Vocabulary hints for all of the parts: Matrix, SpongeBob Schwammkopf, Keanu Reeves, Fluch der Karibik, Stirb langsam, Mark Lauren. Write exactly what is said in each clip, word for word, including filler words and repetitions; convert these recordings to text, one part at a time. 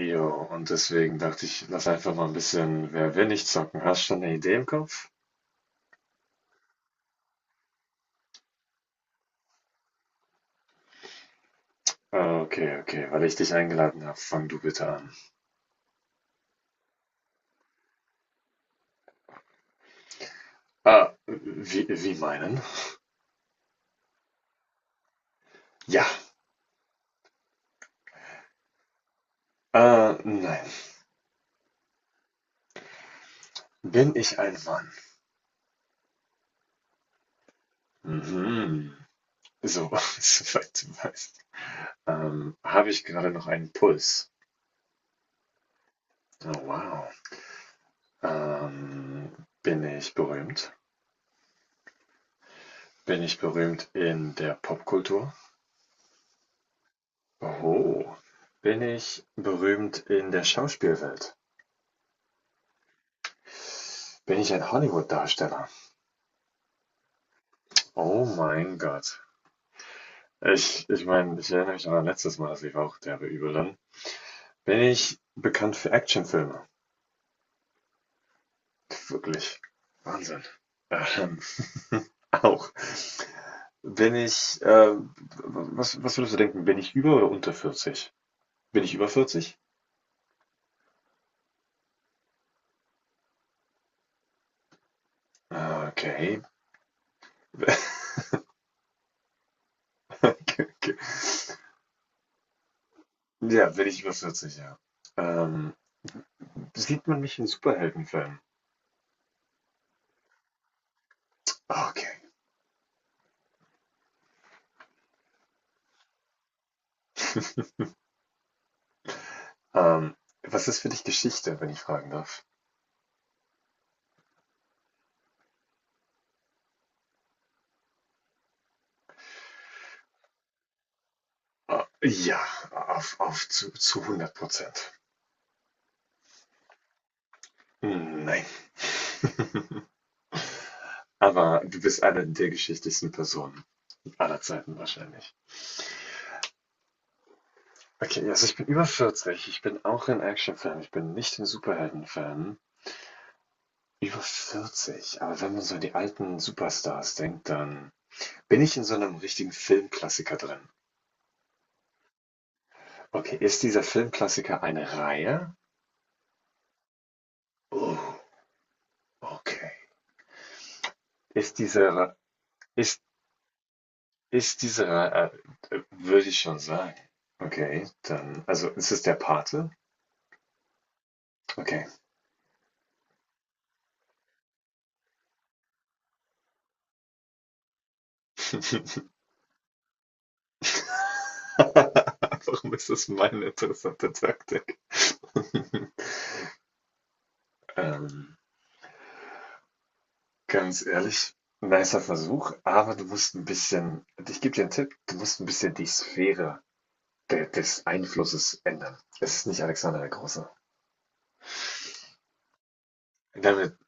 Jo, und deswegen dachte ich, lass einfach mal ein bisschen. Wer will nicht zocken? Hast schon eine Idee im Kopf? Ah, okay, okay, weil ich dich eingeladen habe, fang du bitte an. Ah, wie, wie meinen? Ja, äh, nein. Bin ich ein Mann? Mhm. So, soweit du weißt. Ähm, habe ich gerade noch einen Puls? Oh, wow. Ähm, Bin ich berühmt? Bin ich berühmt in der Popkultur? Oh, bin ich berühmt in der Schauspielwelt? Bin ich ein Hollywood-Darsteller? Oh mein Gott. Ich, ich meine, ich erinnere mich an mein letztes Mal, das lief auch derbe übel dann. Bin ich bekannt für Actionfilme? Wirklich. Wahnsinn. Ähm, auch. Bin ich, ähm, was, was würdest du denken, bin ich über oder unter vierzig? Bin ich über vierzig? Okay. Okay. Ja, bin ich über vierzig, ja. Ähm, Sieht man mich in Superheldenfilmen? Ah, okay. Ähm, was ist für dich Geschichte, wenn ich fragen darf? Ah, ja, auf, auf zu, zu hundert Prozent. Hm, nein. Aber du bist eine der geschichtlichsten Personen aller Zeiten wahrscheinlich. Okay, also ich bin über vierzig. Ich bin auch ein Action-Fan. Ich bin nicht ein Superhelden-Fan. Über vierzig. Aber wenn man so an die alten Superstars denkt, dann bin ich in so einem richtigen Filmklassiker drin. Okay, ist dieser Filmklassiker eine Reihe? Oh, okay. Ist diese, Re- ist Ist diese, äh, äh, würde ich schon sagen. Okay, dann, also ist es der Pate? Okay. Warum ist das meine interessante Taktik? Ähm, ganz ehrlich, nicer Versuch, aber du musst ein bisschen, ich gebe dir einen Tipp, du musst ein bisschen die Sphäre de, des Einflusses ändern. Es ist nicht Alexander der Große. Damit,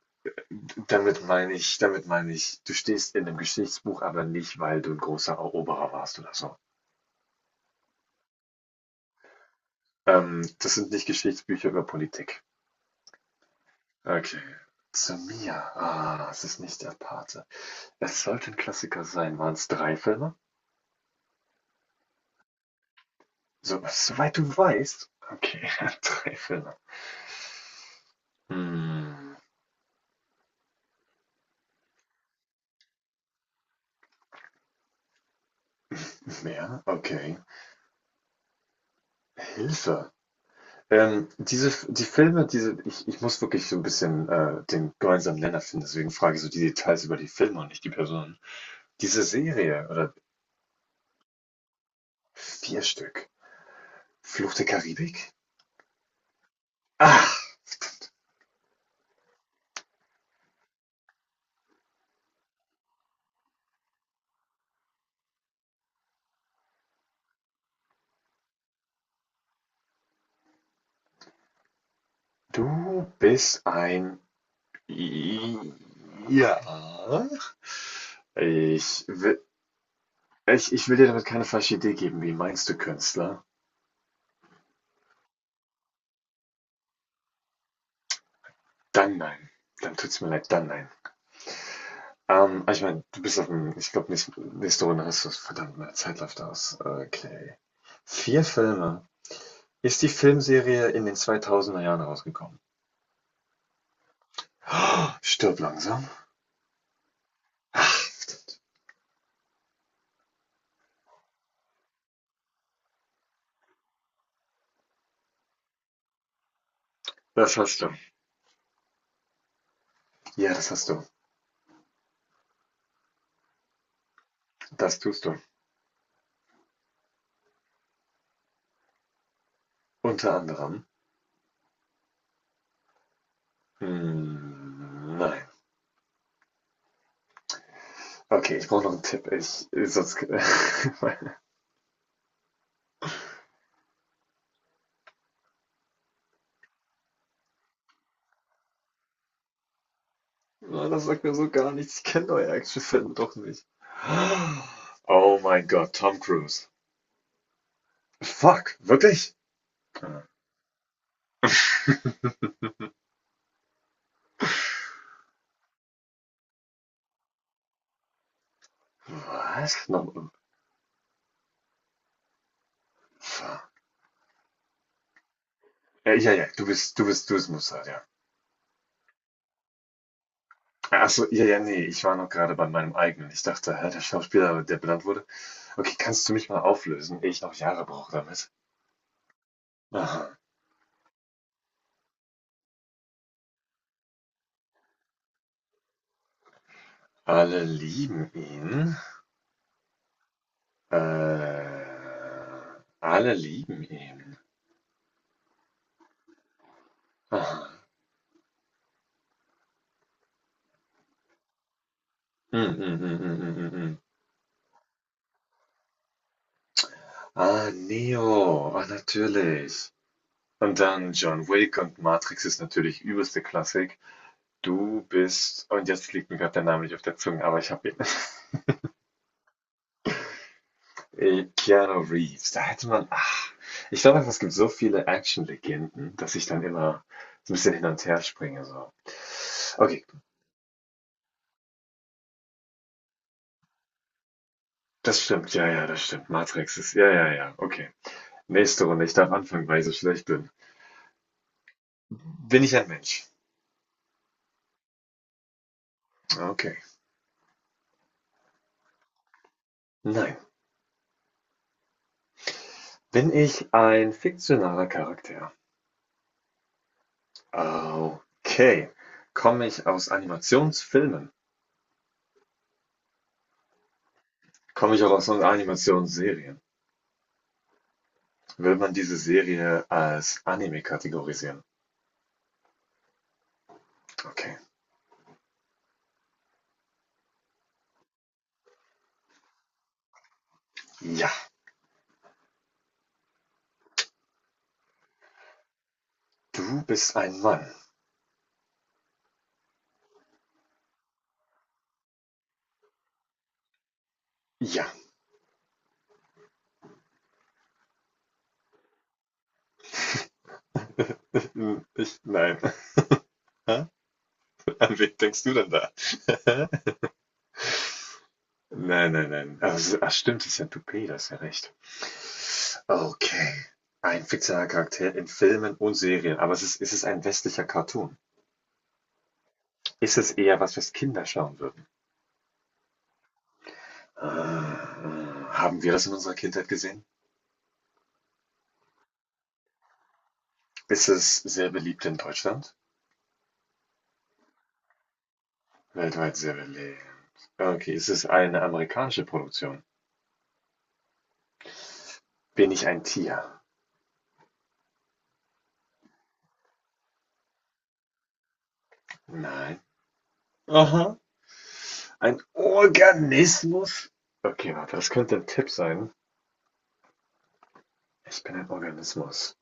damit meine ich, damit meine ich, du stehst in einem Geschichtsbuch, aber nicht, weil du ein großer Eroberer warst oder so. Ähm, das sind nicht Geschichtsbücher über Politik. Okay. Zu mir. Ah, es ist nicht der Pate. Es sollte ein Klassiker sein. Waren es drei Filme? So, soweit du weißt. Okay, drei Filme. Hm, mehr? Okay. Hilfe. Ähm, diese, die Filme, diese, ich, ich muss wirklich so ein bisschen äh, den gemeinsamen Nenner finden, deswegen frage ich so die Details über die Filme und nicht die Personen. Diese Serie, oder vier Stück, Fluch der Karibik? Ach, du bist ein. Ja. Ich will, ich, ich will dir damit keine falsche Idee geben. Wie meinst du Künstler? Dann nein. Dann tut's mir leid, dann nein. Ähm, aber ich meine, du bist auf dem, ich glaube, nächste Runde hast du es. Verdammt, meine Zeit läuft aus. Okay. Vier Filme. Ist die Filmserie in den zweitausender Jahren rausgekommen? Stirb langsam. Ach, das hast du. Ja, das hast du. Das tust du. Unter anderem. Hm, nein. Okay, ich brauche noch einen Tipp. Ich äh, sonst Mann, das sagt mir so gar nichts. Ich kenne neue Actionfilme doch nicht. Oh mein Gott, Tom Cruise. Fuck, wirklich? Was? No äh, ja, ja, du bist du bist du bist Mossad, ja. Ach so, ja, ja, nee, ich war noch gerade bei meinem eigenen. Ich dachte, hä, der Schauspieler, der benannt wurde. Okay, kannst du mich mal auflösen, ehe ich noch Jahre brauche damit? Aha. Alle lieben ihn. Äh, alle lieben ihn. Ah, hm hm hm hm hm hm. Hm. Ah, Neo, ah, natürlich. Und dann John Wick und Matrix ist natürlich übelste Klassik. Du bist, und jetzt liegt mir gerade der Name nicht auf der Zunge, aber ich habe ihn. Äh, Keanu Reeves, da hätte man, ach, ich glaube einfach, es gibt so viele Action-Legenden, dass ich dann immer so ein bisschen hin und her springe, so. Okay, das stimmt, ja, ja, das stimmt. Matrix ist, ja, ja, ja, okay. Nächste Runde, ich darf anfangen, weil ich so schlecht bin. Bin ich ein Mensch? Okay. Nein. Bin ich ein fiktionaler Charakter? Okay. Komme ich aus Animationsfilmen? Komme ich auch aus Animationsserien? Will man diese Serie als Anime kategorisieren? Okay. Ja. Du bist ein Mann. Ja. Hm, ich, nein. An wen denkst du denn da? Nein, nein, nein. Also, ach, stimmt, das ist ja Toupet, das ist ja recht. Okay. Ein fiktionaler Charakter in Filmen und Serien. Aber es ist, ist es ein westlicher Cartoon? Ist es eher was, was Kinder schauen würden? Äh, äh, haben wir das in unserer Kindheit gesehen? Ist es sehr beliebt in Deutschland? Weltweit sehr beliebt. Okay, ist es eine amerikanische Produktion? Bin ich ein Tier? Nein. Aha. Ein Organismus? Okay, warte, das könnte ein Tipp sein. Ich bin ein Organismus.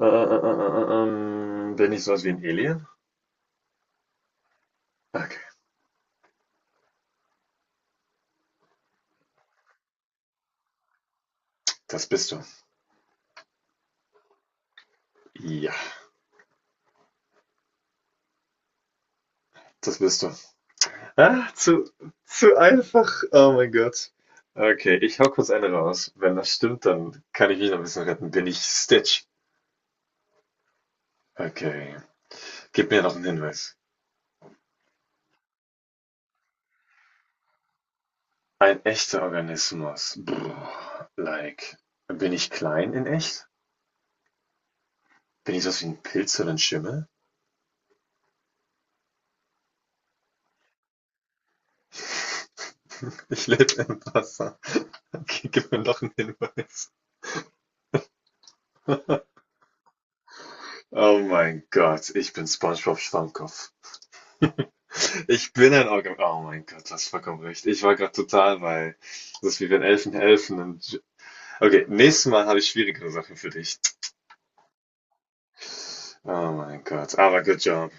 Äh, äh, äh, äh, äh, ähm, bin ich sowas wie ein Alien? Okay, das bist du. Ja, das bist du. Ah, zu, zu einfach. Oh mein Gott. Okay, ich hau kurz eine raus. Wenn das stimmt, dann kann ich mich noch ein bisschen retten. Bin ich Stitch? Okay. Gib mir noch einen Hinweis. Ein echter Organismus. Brr, like. Bin ich klein in echt? Bin ich sowas wie ein Pilz oder ein Schimmel? Ich lebe im Wasser. Okay, gib mir noch einen Hinweis. Oh mein Gott, ich bin SpongeBob Schwammkopf. Ich bin ein Orga. Oh mein Gott, das hast vollkommen recht. Ich war gerade total bei. Das ist wie wenn Elfen helfen und. Okay, nächstes Mal habe ich schwierigere Sachen für dich. Oh mein Gott, aber good job.